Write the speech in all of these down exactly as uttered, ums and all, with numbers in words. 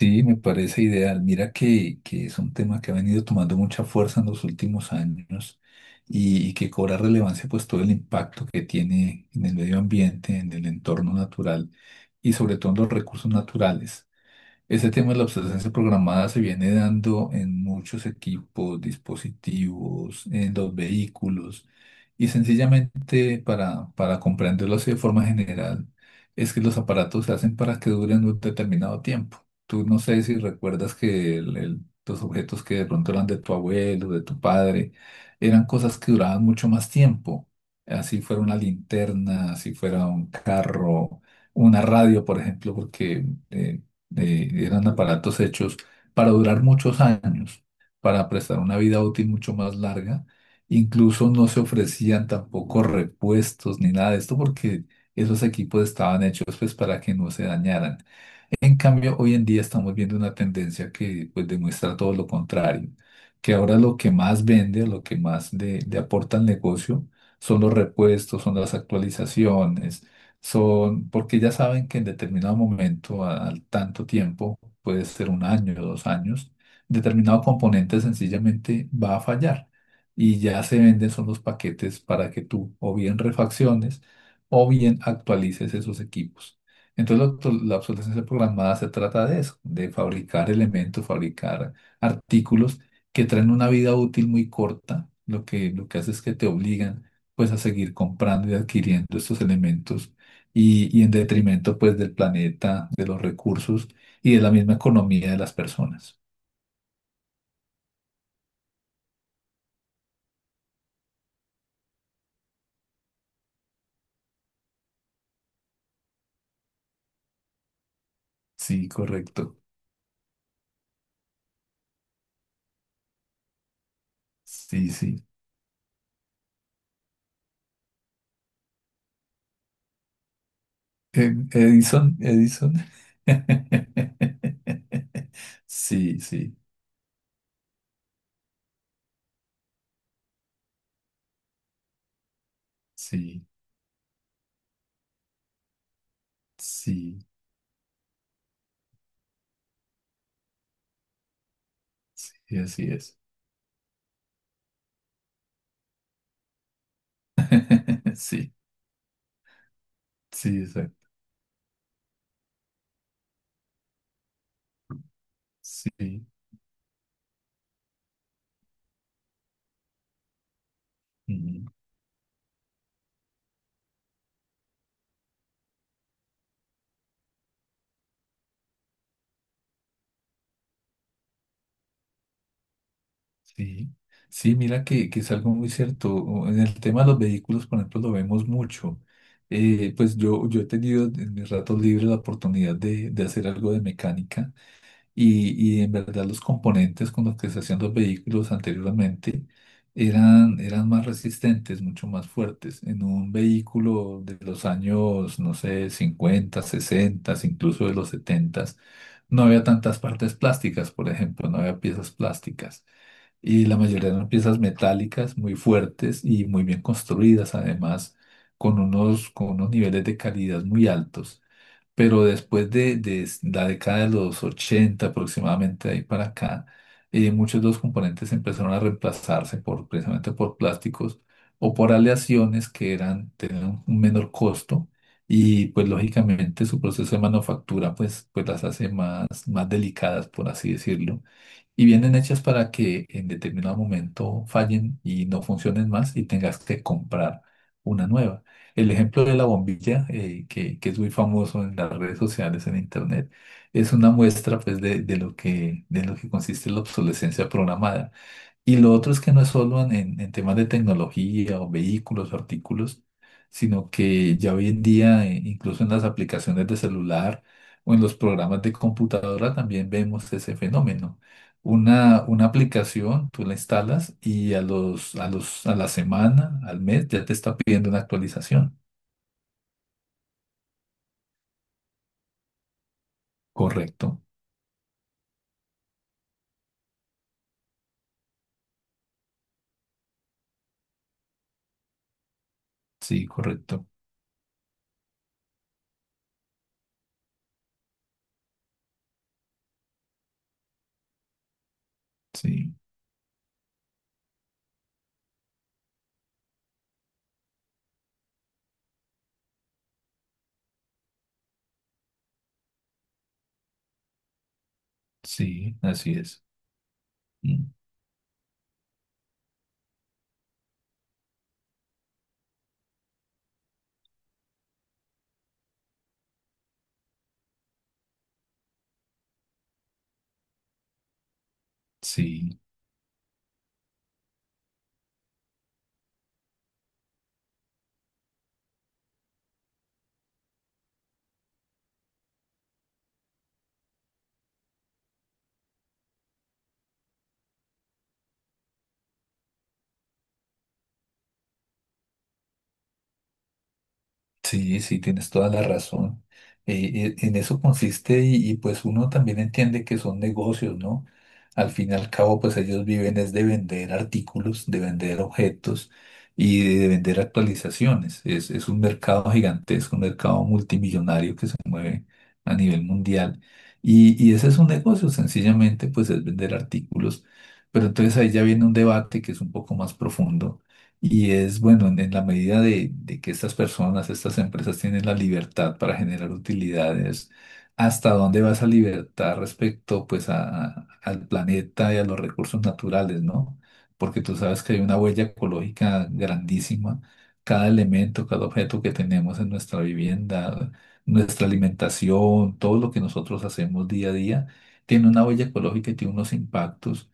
Sí, me parece ideal. Mira que, que es un tema que ha venido tomando mucha fuerza en los últimos años y, y que cobra relevancia pues todo el impacto que tiene en el medio ambiente, en el entorno natural y sobre todo en los recursos naturales. Ese tema de la obsolescencia programada se viene dando en muchos equipos, dispositivos, en los vehículos y sencillamente para, para comprenderlo así de forma general es que los aparatos se hacen para que duren un determinado tiempo. Tú no sé si recuerdas que el- el- los objetos que de pronto eran de tu abuelo, de tu padre, eran cosas que duraban mucho más tiempo. Así fuera una linterna, así fuera un carro, una radio, por ejemplo, porque... eh, eh, eran aparatos hechos para durar muchos años, para prestar una vida útil mucho más larga. Incluso no se ofrecían tampoco repuestos ni nada de esto porque esos equipos estaban hechos pues para que no se dañaran. En cambio, hoy en día estamos viendo una tendencia que pues demuestra todo lo contrario, que ahora lo que más vende, lo que más le, le aporta al negocio son los repuestos, son las actualizaciones, son porque ya saben que en determinado momento, a- al tanto tiempo, puede ser un año o dos años, determinado componente sencillamente va a fallar y ya se venden son los paquetes para que tú o bien refacciones o bien actualices esos equipos. Entonces, la obso- la obsolescencia programada se trata de eso, de fabricar elementos, fabricar artículos que traen una vida útil muy corta. Lo que, lo que hace es que te obligan pues a seguir comprando y adquiriendo estos elementos y, y en detrimento pues del planeta, de los recursos y de la misma economía de las personas. Sí, correcto. Sí, sí. Eh, Edison, Edison. Sí, sí, sí, sí, sí, así es. Sí, sí, exacto. Sí. Ujú. Sí, sí, mira que, que es algo muy cierto. O en el tema de los vehículos, por ejemplo, lo vemos mucho. Eh, pues yo, yo he tenido en mis ratos libres la oportunidad de, de hacer algo de mecánica y, y en verdad los componentes con los que se hacían los vehículos anteriormente eran, eran más resistentes, mucho más fuertes. En un vehículo de los años, no sé, cincuenta, sesenta, incluso de los setenta, no había tantas partes plásticas, por ejemplo, no había piezas plásticas y la mayoría eran piezas metálicas muy fuertes y muy bien construidas, además con unos, con unos niveles de calidad muy altos. Pero después de, de s- la década de los ochenta aproximadamente, ahí para acá, eh, muchos de los componentes empezaron a reemplazarse por, precisamente por plásticos o por aleaciones que eran, tenían un un menor costo y pues lógicamente su proceso de manufactura pues, pues las hace más, más delicadas, por así decirlo, y vienen hechas para que en determinado momento fallen y no funcionen más y tengas que comprar una nueva. El ejemplo de la bombilla, eh, que, que es muy famoso en las redes sociales, en internet, es una muestra pues, de, de lo que, de lo que consiste la obsolescencia programada. Y lo otro es que no es solo en, en- en temas de tecnología o vehículos o artículos, sino que ya hoy en día, eh, incluso en las aplicaciones de celular o en los programas de computadora, también vemos ese fenómeno. Una, una aplicación, tú la instalas y a los, a los, a la semana, al mes, ya te está pidiendo una actualización. Correcto, sí, correcto, sí, sí, así es. Mm, sí. Sí, sí, tienes toda la razón. Eh, eh, en eso consiste y, y, pues uno también entiende que son negocios, ¿no? Al fin y al cabo, pues ellos viven es de vender artículos, de vender objetos y de vender actualizaciones. Es, es un mercado gigantesco, un mercado multimillonario que se mueve a nivel mundial. Y, y ese es un negocio, sencillamente, pues es vender artículos. Pero entonces ahí ya viene un debate que es un poco más profundo, y es bueno, en, en la medida de, de que estas personas, estas empresas tienen la libertad para generar utilidades, ¿hasta dónde va esa libertad respecto pues a- a- al planeta y a los recursos naturales, ¿no? Porque tú sabes que hay una huella ecológica grandísima. Cada elemento, cada objeto que tenemos en nuestra vivienda, nuestra alimentación, todo lo que nosotros hacemos día a día, tiene una huella ecológica y tiene unos impactos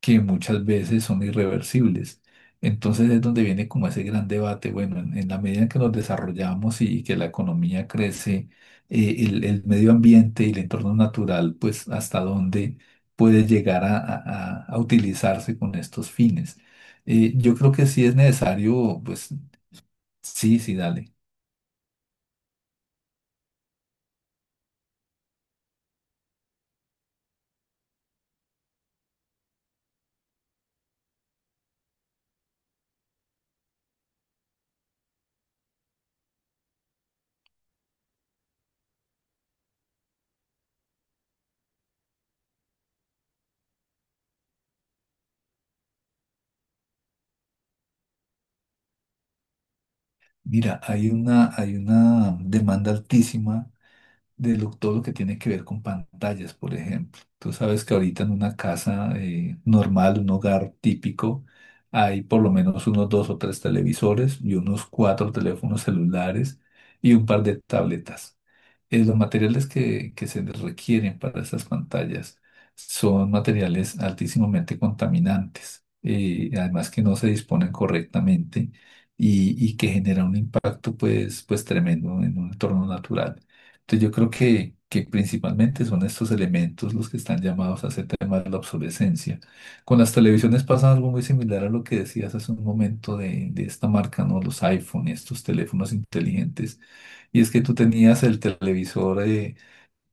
que muchas veces son irreversibles. Entonces es donde viene como ese gran debate. Bueno, en, en la medida en que nos desarrollamos y, que la economía crece, eh, el, el medio ambiente y el entorno natural, pues hasta dónde puede llegar a, a- a- a utilizarse con estos fines. Eh, yo creo que sí es necesario, pues sí, sí, dale. Mira, hay, una, hay una demanda altísima de lo- todo lo que tiene que ver con pantallas, por ejemplo. Tú sabes que ahorita en una casa eh, normal, un hogar típico, hay por lo menos unos dos o tres, televisores y unos cuatro teléfonos celulares y un par de tabletas eh, los materiales que, que se requieren para esas pantallas son materiales altísimamente contaminantes, eh, además que no se disponen correctamente y, y que generan un impacto pues, pues tremendo en un entorno natural. Entonces yo creo que, que principalmente son estos elementos los que están llamados a ese tema de la obsolescencia. Con las televisiones pasa algo muy similar a lo que decías hace un momento de, de esta marca, ¿no? Los iPhone y estos teléfonos inteligentes, y es que tú tenías el televisor eh,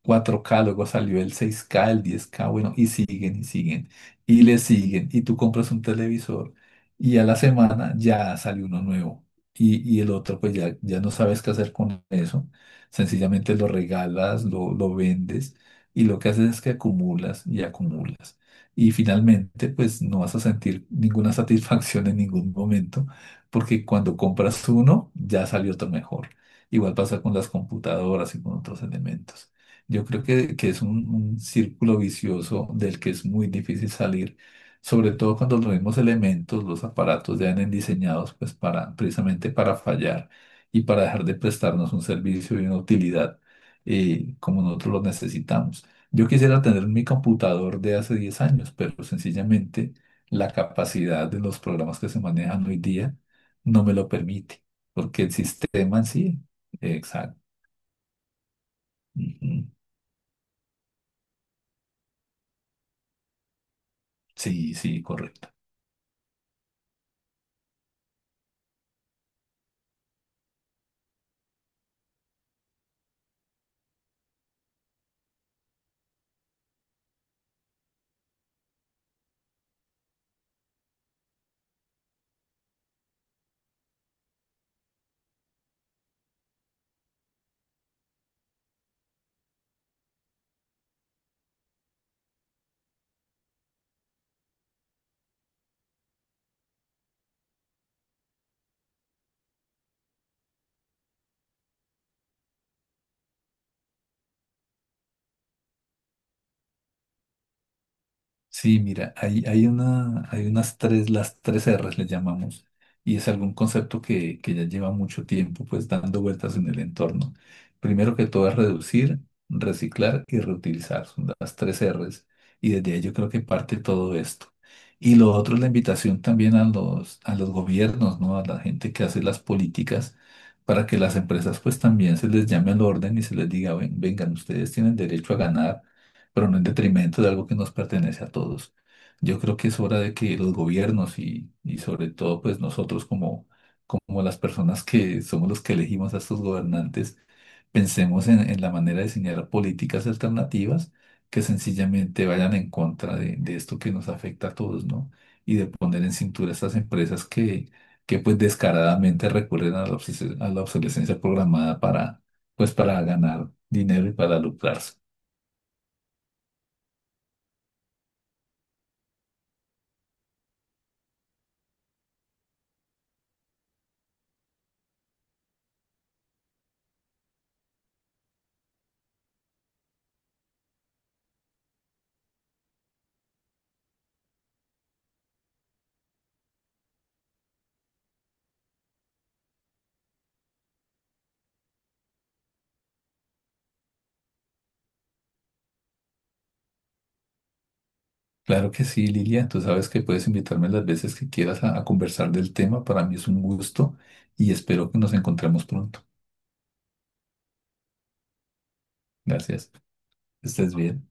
cuatro k, luego salió el seis k, el diez k, bueno, y siguen y siguen y le siguen, y tú compras un televisor y a la semana ya salió uno nuevo y, y el otro pues ya, ya no sabes qué hacer con eso, sencillamente lo regalas, lo, lo vendes, y lo que haces es que acumulas y acumulas y finalmente pues no vas a sentir ninguna satisfacción en ningún momento porque cuando compras uno ya salió otro mejor. Igual pasa con las computadoras y con otros elementos. Yo creo que, que es un, un círculo vicioso del que es muy difícil salir, sobre todo cuando los mismos elementos, los aparatos ya vienen diseñados pues para, precisamente para fallar y para dejar de prestarnos un servicio y una utilidad eh, como nosotros los necesitamos. Yo quisiera tener mi computador de hace diez años, pero sencillamente la capacidad de los programas que se manejan hoy día no me lo permite, porque el sistema en sí. Exacto. Ujú. Sí, sí, correcto. Sí, mira, hay hay una, hay unas tres las tres erres le llamamos, y es algún concepto que, que ya lleva mucho tiempo pues, dando vueltas en el entorno Primero que todo es reducir, reciclar y reutilizar, son las tres R's, y desde ahí yo creo que, parte todo esto. Y lo otro es la invitación también a los, a los gobiernos, ¿no? A la gente que hace las políticas, para que las empresas pues también se les llame al orden y se les diga, "Ven- vengan, ustedes tienen derecho a ganar pero no en detrimento de algo que nos pertenece a todos. Yo creo que es hora de que los gobiernos y, y sobre todo pues nosotros como, como las personas que somos los que elegimos a estos gobernantes, pensemos en, en la manera de diseñar políticas alternativas que sencillamente vayan en contra de, de esto que nos afecta a todos, ¿no? Y de poner en cintura a estas empresas que, que pues descaradamente recurren a la obses- a la obsolescencia. Programada para, pues para ganar dinero y para lucrarse. Claro que sí, Lilia. Tú sabes que puedes invitarme las veces que quieras a, a conversar del tema. Para mí es un gusto y espero que nos encontremos pronto. Gracias. Estés bien.